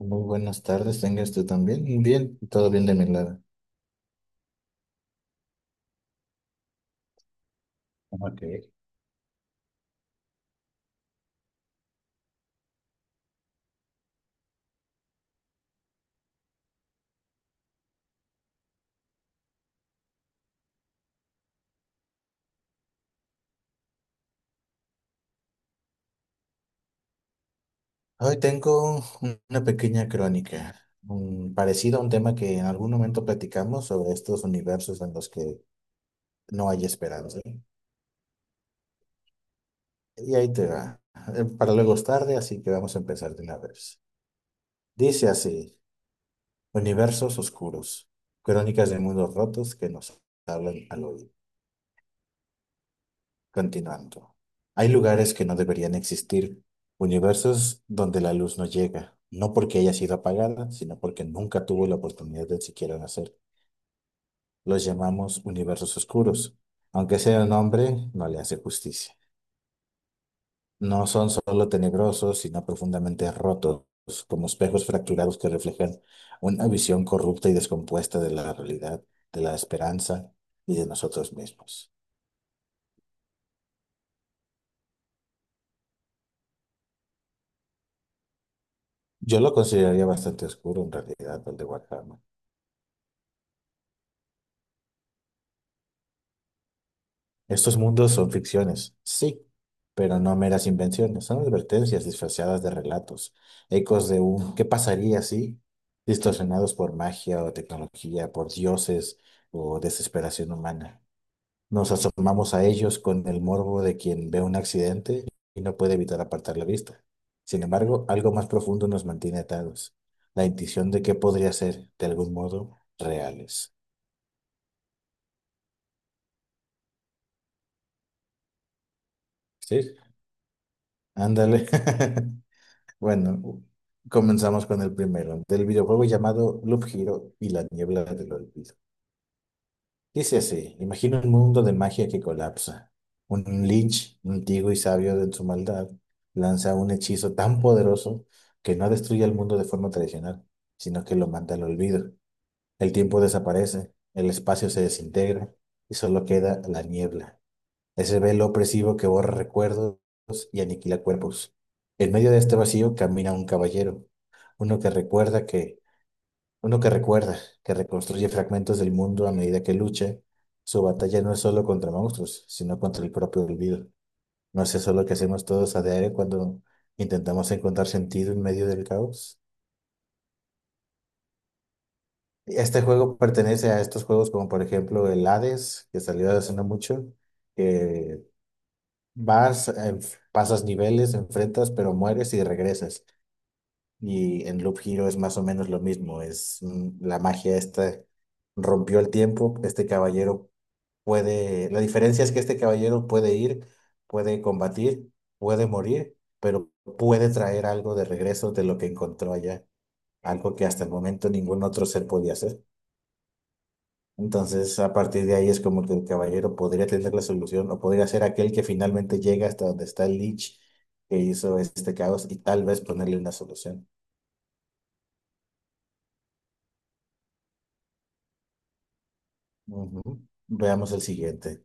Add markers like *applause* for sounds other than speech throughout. Muy buenas tardes, tenga usted también. Bien, todo bien de mi lado. Ok. Hoy tengo una pequeña crónica, un, parecido a un tema que en algún momento platicamos sobre estos universos en los que no hay esperanza. Y ahí te va. Para luego es tarde, así que vamos a empezar de una vez. Dice así, universos oscuros, crónicas de mundos rotos que nos hablan al oído. Continuando. Hay lugares que no deberían existir, universos donde la luz no llega, no porque haya sido apagada, sino porque nunca tuvo la oportunidad de siquiera nacer. Los llamamos universos oscuros, aunque sea nombre no le hace justicia. No son solo tenebrosos, sino profundamente rotos, como espejos fracturados que reflejan una visión corrupta y descompuesta de la realidad, de la esperanza y de nosotros mismos. Yo lo consideraría bastante oscuro en realidad, el de Warhammer. Estos mundos son ficciones, sí, pero no meras invenciones, son advertencias disfrazadas de relatos, ecos de un ¿qué pasaría si? distorsionados por magia o tecnología, por dioses o desesperación humana. Nos asomamos a ellos con el morbo de quien ve un accidente y no puede evitar apartar la vista. Sin embargo, algo más profundo nos mantiene atados, la intuición de que podría ser, de algún modo, reales. ¿Sí? Ándale. *laughs* Bueno, comenzamos con el primero, del videojuego llamado Loop Hero y la niebla del olvido. Dice así, imagina un mundo de magia que colapsa. Un Lynch, antiguo y sabio de su maldad, lanza un hechizo tan poderoso que no destruye el mundo de forma tradicional, sino que lo manda al olvido. El tiempo desaparece, el espacio se desintegra y solo queda la niebla, ese velo opresivo que borra recuerdos y aniquila cuerpos. En medio de este vacío camina un caballero, uno que recuerda que, uno que recuerda, que reconstruye fragmentos del mundo a medida que lucha. Su batalla no es solo contra monstruos, sino contra el propio olvido. ¿No es eso lo que hacemos todos a diario cuando intentamos encontrar sentido en medio del caos? Este juego pertenece a estos juegos como por ejemplo el Hades, que salió hace no mucho, que vas, pasas niveles, enfrentas, pero mueres y regresas. Y en Loop Hero es más o menos lo mismo. Es, la magia esta rompió el tiempo. Este caballero puede. La diferencia es que este caballero puede ir, puede combatir, puede morir, pero puede traer algo de regreso de lo que encontró allá. Algo que hasta el momento ningún otro ser podía hacer. Entonces, a partir de ahí es como que el caballero podría tener la solución o podría ser aquel que finalmente llega hasta donde está el Lich que hizo este caos y tal vez ponerle una solución. Ujú. Veamos el siguiente.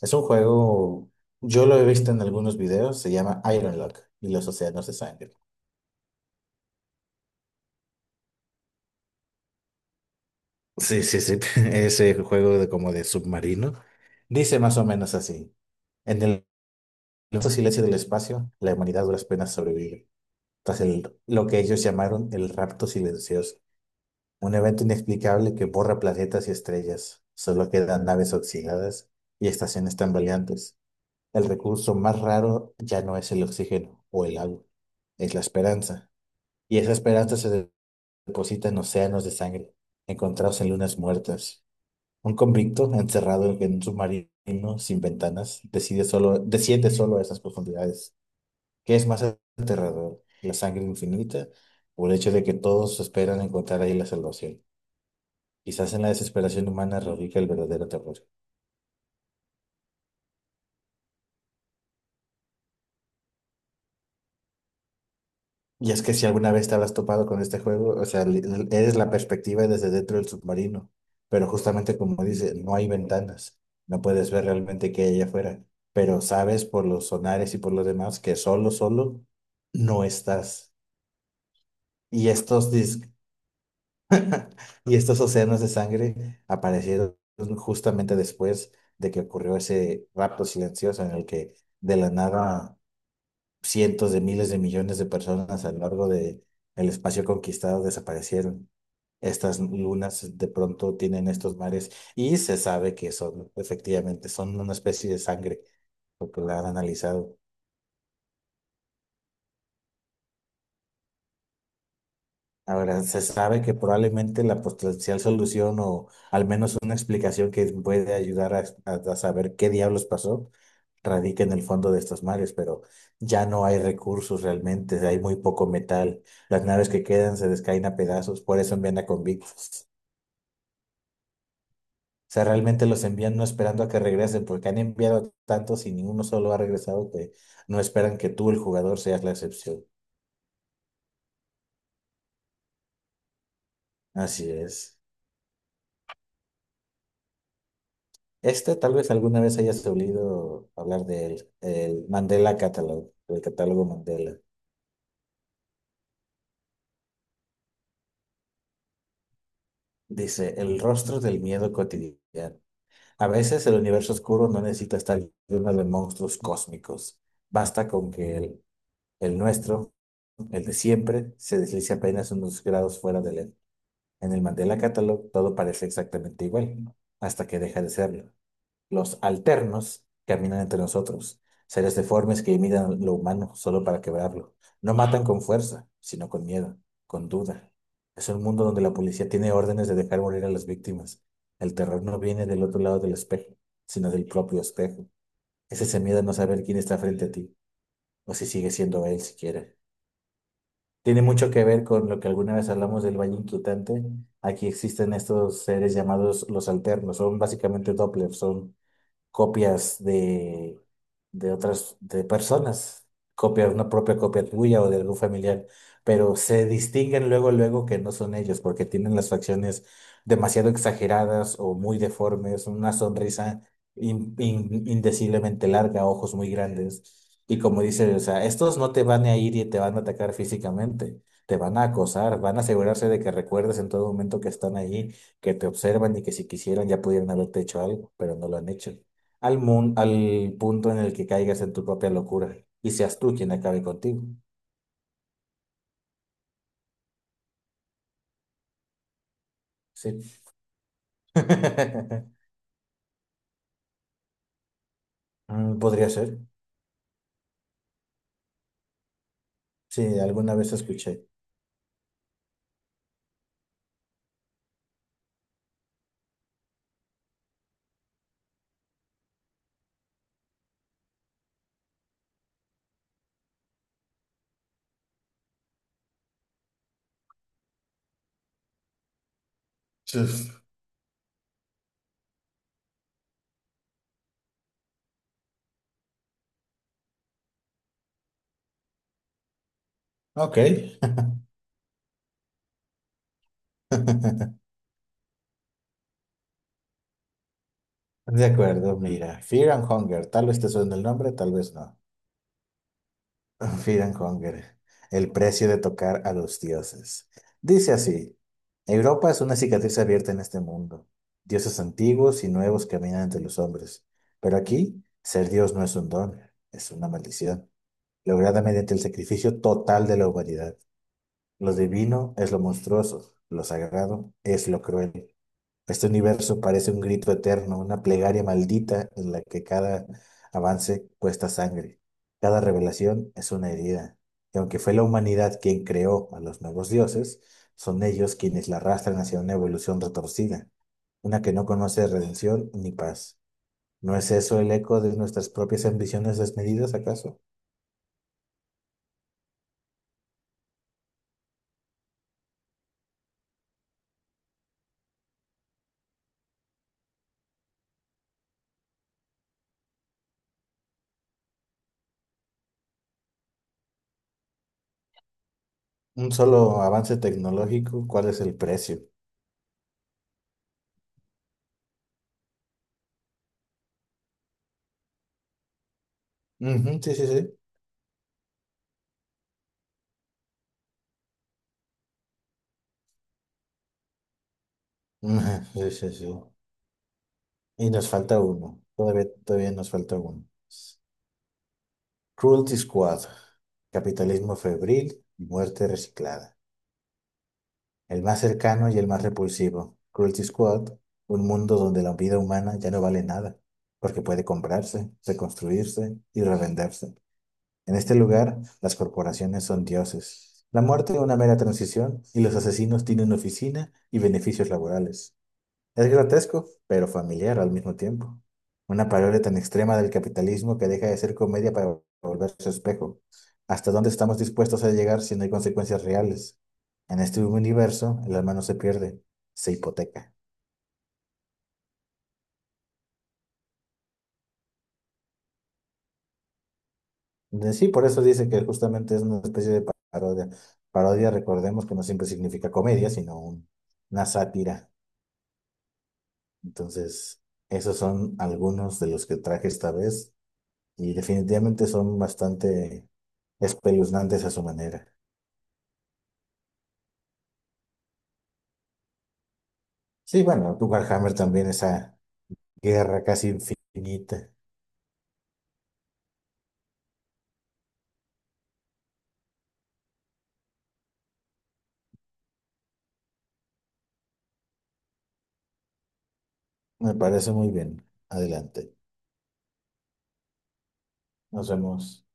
Es un juego, yo lo he visto en algunos videos, se llama Ironlock y los océanos de sangre. Sí, sí, sí, *laughs* ese juego de como de submarino. Dice más o menos así. En el inmenso silencio del espacio, la humanidad a duras penas sobrevive. Tras el, lo que ellos llamaron el rapto silencioso. Un evento inexplicable que borra planetas y estrellas. Solo quedan naves oxidadas y estaciones tambaleantes. El recurso más raro ya no es el oxígeno o el agua, es la esperanza. Y esa esperanza deposita en océanos de sangre, encontrados en lunas muertas. Un convicto encerrado en un submarino sin ventanas decide solo, desciende solo a esas profundidades. ¿Qué es más aterrador? ¿La sangre infinita o el hecho de que todos esperan encontrar ahí la salvación? Quizás en la desesperación humana radica el verdadero terror. Y es que si alguna vez te habrás topado con este juego, o sea, eres la perspectiva desde dentro del submarino, pero justamente como dice, no hay ventanas, no puedes ver realmente qué hay allá afuera, pero sabes por los sonares y por los demás que solo no estás. Y *laughs* y estos océanos de sangre aparecieron justamente después de que ocurrió ese rapto silencioso en el que de la nada cientos de miles de millones de personas a lo largo de el espacio conquistado desaparecieron. Estas lunas de pronto tienen estos mares y se sabe que son, efectivamente, son una especie de sangre, porque la han analizado. Ahora, se sabe que probablemente la potencial solución o al menos una explicación que puede ayudar a saber qué diablos pasó radica en el fondo de estos mares, pero ya no hay recursos realmente, hay muy poco metal, las naves que quedan se descaen a pedazos, por eso envían a convictos. O sea, realmente los envían no esperando a que regresen, porque han enviado tantos y ninguno solo ha regresado que no esperan que tú, el jugador, seas la excepción. Así es. Este tal vez alguna vez hayas oído hablar del el Mandela Catalog, el catálogo Mandela. Dice, el rostro del miedo cotidiano. A veces el universo oscuro no necesita estar lleno de monstruos cósmicos. Basta con que el nuestro, el de siempre, se deslice apenas unos grados fuera de él. En el Mandela Catalog todo parece exactamente igual, hasta que deja de serlo. Los alternos caminan entre nosotros, seres deformes que imitan lo humano solo para quebrarlo. No matan con fuerza, sino con miedo, con duda. Es un mundo donde la policía tiene órdenes de dejar morir a las víctimas. El terror no viene del otro lado del espejo, sino del propio espejo. Es ese miedo a no saber quién está frente a ti, o si sigue siendo él siquiera. Tiene mucho que ver con lo que alguna vez hablamos del valle inquietante. Aquí existen estos seres llamados los alternos, son básicamente Doppler, son copias de, de otras de personas, copia, una propia copia tuya o de algún familiar, pero se distinguen luego, luego que no son ellos, porque tienen las facciones demasiado exageradas o muy deformes, una sonrisa indeciblemente larga, ojos muy grandes. Y como dice, o sea, estos no te van a ir y te van a atacar físicamente, te van a acosar, van a asegurarse de que recuerdes en todo momento que están ahí, que te observan y que si quisieran ya pudieran haberte hecho algo, pero no lo han hecho al punto en el que caigas en tu propia locura y seas tú quien acabe contigo. Sí. *laughs* Podría ser. Sí, alguna vez escuché. Sí. Ok. *laughs* De acuerdo, mira. Fear and Hunger. Tal vez te suene el nombre, tal vez no. *laughs* Fear and Hunger, el precio de tocar a los dioses. Dice así, Europa es una cicatriz abierta en este mundo. Dioses antiguos y nuevos caminan entre los hombres. Pero aquí, ser dios no es un don, es una maldición, lograda mediante el sacrificio total de la humanidad. Lo divino es lo monstruoso, lo sagrado es lo cruel. Este universo parece un grito eterno, una plegaria maldita en la que cada avance cuesta sangre. Cada revelación es una herida. Y aunque fue la humanidad quien creó a los nuevos dioses, son ellos quienes la arrastran hacia una evolución retorcida, una que no conoce redención ni paz. ¿No es eso el eco de nuestras propias ambiciones desmedidas, acaso? Un solo avance tecnológico, ¿cuál es el precio? Ujú, sí, sí, sí. *laughs* Ujú, sí, sí, sí. Y nos falta uno. Todavía nos falta uno. Cruelty Squad. Capitalismo febril y muerte reciclada. El más cercano y el más repulsivo. Cruelty Squad. Un mundo donde la vida humana ya no vale nada, porque puede comprarse, reconstruirse y revenderse. En este lugar, las corporaciones son dioses. La muerte es una mera transición y los asesinos tienen oficina y beneficios laborales. Es grotesco, pero familiar al mismo tiempo. Una parodia tan extrema del capitalismo que deja de ser comedia para volverse espejo. ¿Hasta dónde estamos dispuestos a llegar si no hay consecuencias reales? En este universo, el alma no se pierde, se hipoteca. Sí, por eso dice que justamente es una especie de parodia. Parodia, recordemos que no siempre significa comedia, una sátira. Entonces, esos son algunos de los que traje esta vez. Y definitivamente son bastante espeluznantes a su manera. Sí, bueno, tu Warhammer también, esa guerra casi infinita. Me parece muy bien. Adelante. Nos vemos.